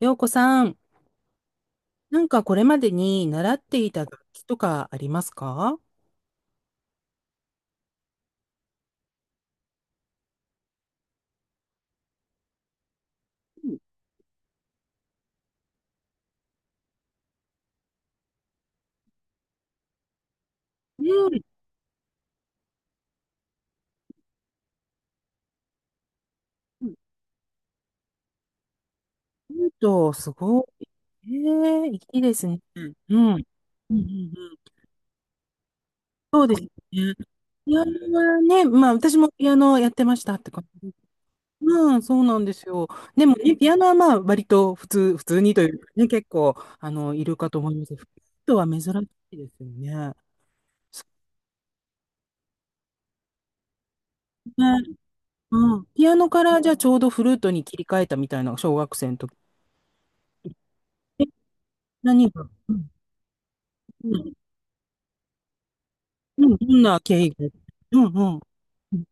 よう子さん、なんかこれまでに習っていた楽器とかありますか？うん。うん、うんと、すごい。ええ、いいですね。うん。うん。うん。うん、そうですね。ピアノはね、まあ私もピアノやってましたって感じ。うん、そうなんですよ。でもね、ピアノはまあ割と普通、普通にというかね、結構、あの、いるかと思います。フルートは珍しいですよね。そうね。うん。ピアノからじゃあちょうどフルートに切り替えたみたいな、小学生の時。何が、うん、うん、うん、どんな経緯が？うん、うん。うん。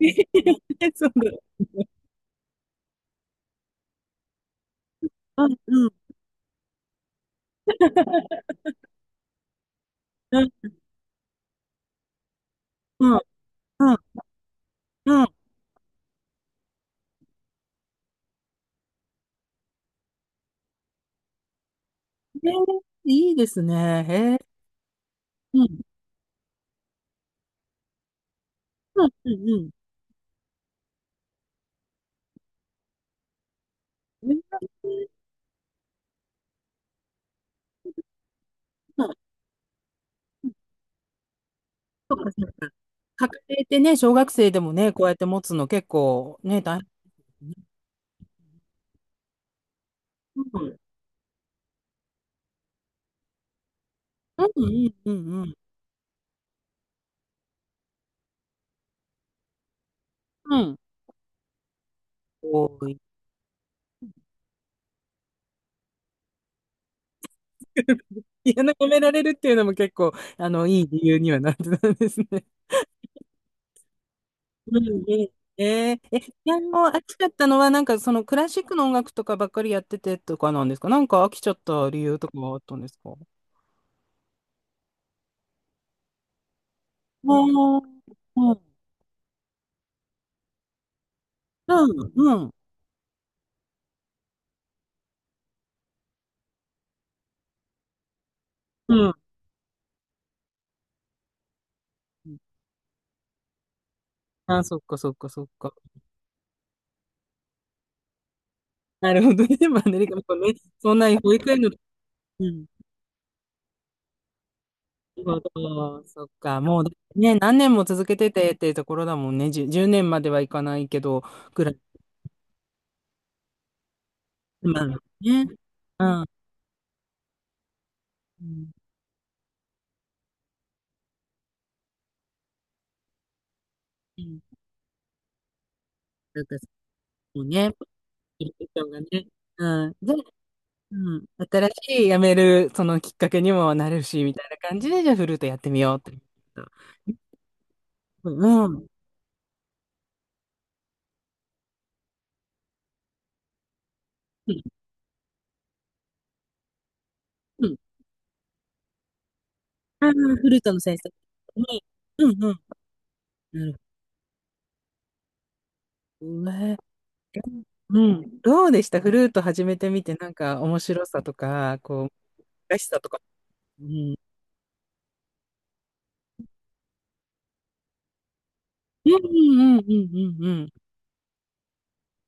そうだ。うん、うん、うん、うん、うん、うん。へえ、いいですね。へえ。うん、うん、うん、うん。うん、そうかそうか。家庭ってね、小学生でもね、こうやって持つの結構ね、大変。うん、うん、うん、うん、うん。うん。こい。いや、なんか褒められるっていうのも結構、あの、いい理由にはなってたんですね。うん、うん。ピアノ飽きちゃったのは、なんかそのクラシックの音楽とかばっかりやっててとかなんですか？なんか飽きちゃった理由とかはあったんですか？あー、うん、うん、うん。うん。あ、そっかそっかそっか。なるほどね。まあね、でもね、そんなに保育園の、うん。なるほどそっか。もうね、何年も続けててっていうところだもんね。10、1年まではいかないけど、ぐらい。まあね。うん。うん。うん、なんかそうね。いい人がね。うん。で、うん。新しい辞める、そのきっかけにもなるし、みたいな感じで、じゃフルートやってみようって。うん。うん。うん。フルートの先生。うん。うん。うん。な、うん。どうでした、フルート始めてみて、なんか面白さとか、こう、難しさとか。うん。うん、うん、うん、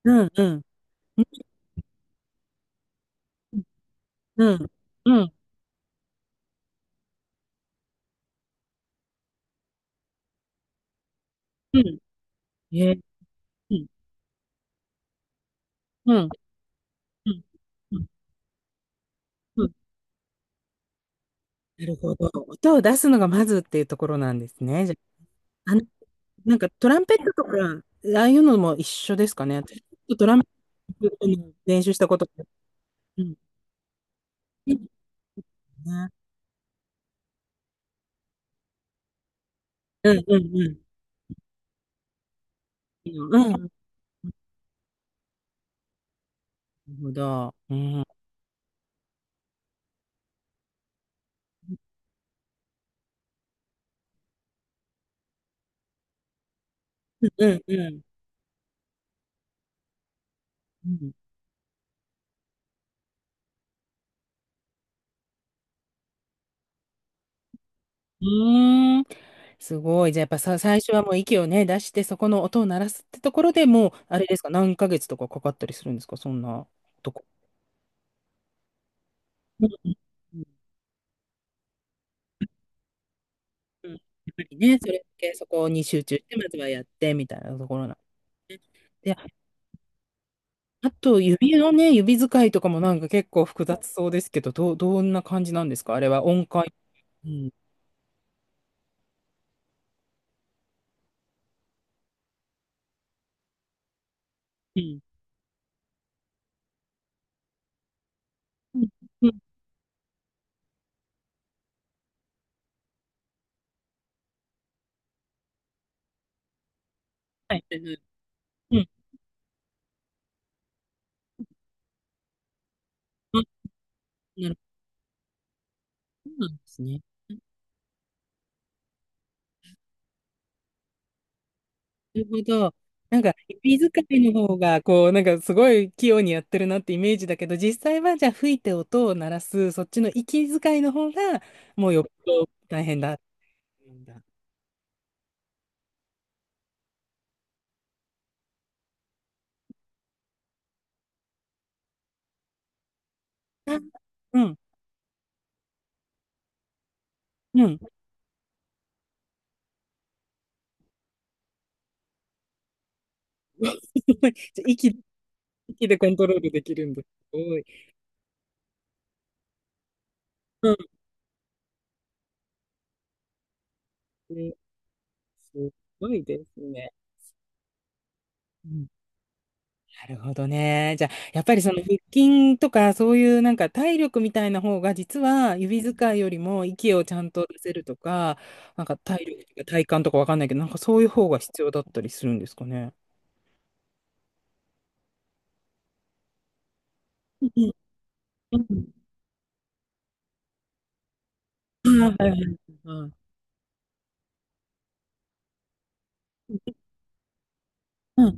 うん、うん、うん。うん、うん。うん、うん。え、うん、うん、うん、うん。なるほど。音を出すのがまずっていうところなんですね。じゃあ、あの、なんかトランペットとか、ああいうのも一緒ですかね。私、ちょっとトランペットの練習したこと。うん。いいですね。うん、うん、うん。うん。なるほど。うん。うん、うん、うん。うーん。すごい。じゃあ、やっぱさ、最初はもう息をね、出して、そこの音を鳴らすってところでもう、あれですか、何ヶ月とかかかったりするんですか、そんなとこ。うん、うん。うん、やっぱりね、それだけそこに集中して、まずはやってみたいなところなんで、あと指のね、指使いとかもなんか結構複雑そうですけど、どう、どんな感じなんですか、あれは音階。うん。うん。うん。うん、はいはいはい。うん。あ、なるほど。そうなんですね。なるほど。なんか、指使いの方が、こう、なんかすごい器用にやってるなってイメージだけど、実際はじゃあ吹いて音を鳴らす、そっちの息遣いの方が、もうよっぽど大変だ。うん。あ、うん。うん。 じゃ息、息でコントロールできるんです。すごい。うん。ね、すごいですね。うん、なるほどね。じゃあ、やっぱりその腹筋とか、そういうなんか体力みたいな方が、実は指使いよりも息をちゃんと出せるとか、なんか体力とか体幹とかわかんないけど、なんかそういう方が必要だったりするんですかね。うん、うん。うん、はいはいはい、はい。うん。な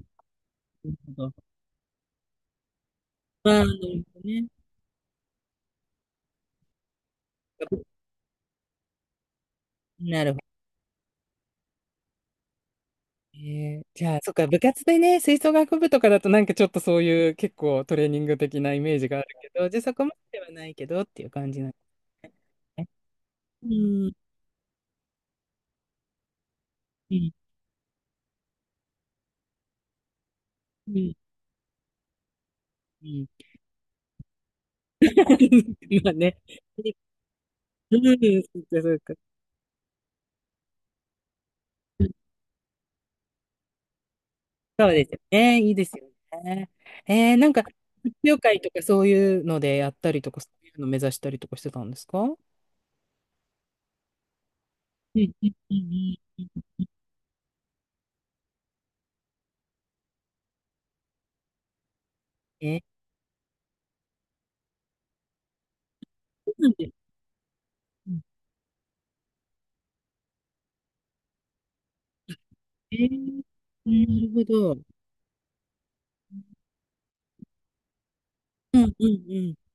るほど。なるほどね。なるほど。えじゃあ、そっか、部活でね、吹奏楽部とかだとなんかちょっとそういう結構トレーニング的なイメージがあるけど、じゃあそこまではないけどっていう感じなんですね。うん、うん、うん、うん。今ね。うん、そっか、そっか。そうですよね。いいですよね。なんか、発表会とかそういうのでやったりとか、そういうの目指したりとかしてたんですか？うん、うん、うん、うん。えー、そうなんです。うえー、なるほど。うん、うん、うん。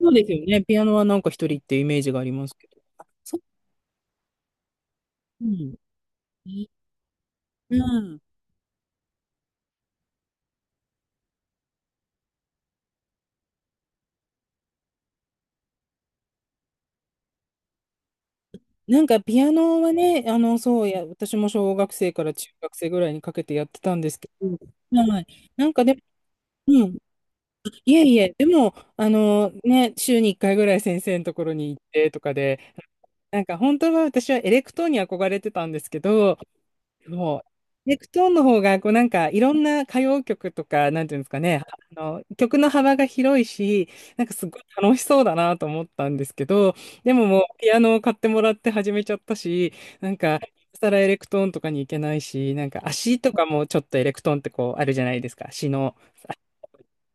そうですよね。ピアノはなんか一人ってイメージがありますけど。あ、そう、うん。うん。なんかピアノはね、あの、そうや、私も小学生から中学生ぐらいにかけてやってたんですけど、はい。なんかでも、うん。いえいえ、でも、あの、ね、週に1回ぐらい先生のところに行ってとかで、なんか本当は私はエレクトーンに憧れてたんですけど、そう。ネクトーンの方が、こうなんかいろんな歌謡曲とか、なんていうんですかね、あの、曲の幅が広いし、なんかすごい楽しそうだなと思ったんですけど、でももうピアノを買ってもらって始めちゃったし、なんか、さらエレクトーンとかに行けないし、なんか足とかもちょっとエレクトーンってこうあるじゃないですか。足の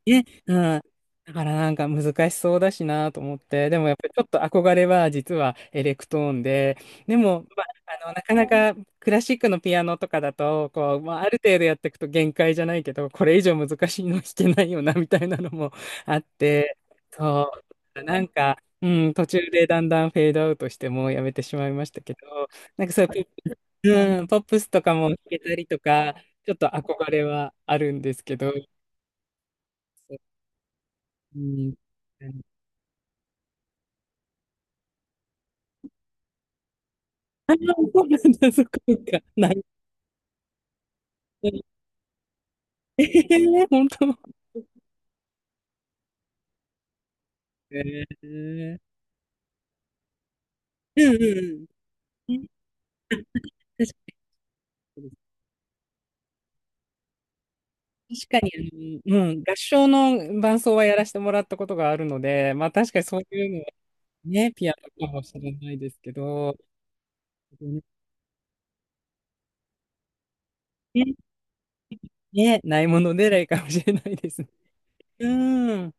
ね、うん。だからなんか難しそうだしなと思って、でもやっぱりちょっと憧れは実はエレクトーンで、でも、まあ、あの、なかなかクラシックのピアノとかだと、こう、まあ、ある程度やっていくと限界じゃないけど、これ以上難しいの弾けないよな、みたいなのも あって、そう、なんか、うん、途中でだんだんフェードアウトしてもうやめてしまいましたけど、なんかそういうプ、うん、ポップスとかも弾けたりとか、ちょっと憧れはあるんですけど、うん。ああ、そうなんだ、そっかそっか。ない、ええ本当。ええ、うん、うん、うん。確かに、確かにあの、うん、合唱の伴奏はやらせてもらったことがあるので、まあ確かにそういうのはね、ピアノかもしれないですけど、ね、ね、ないものねらいかもしれないですね。うん。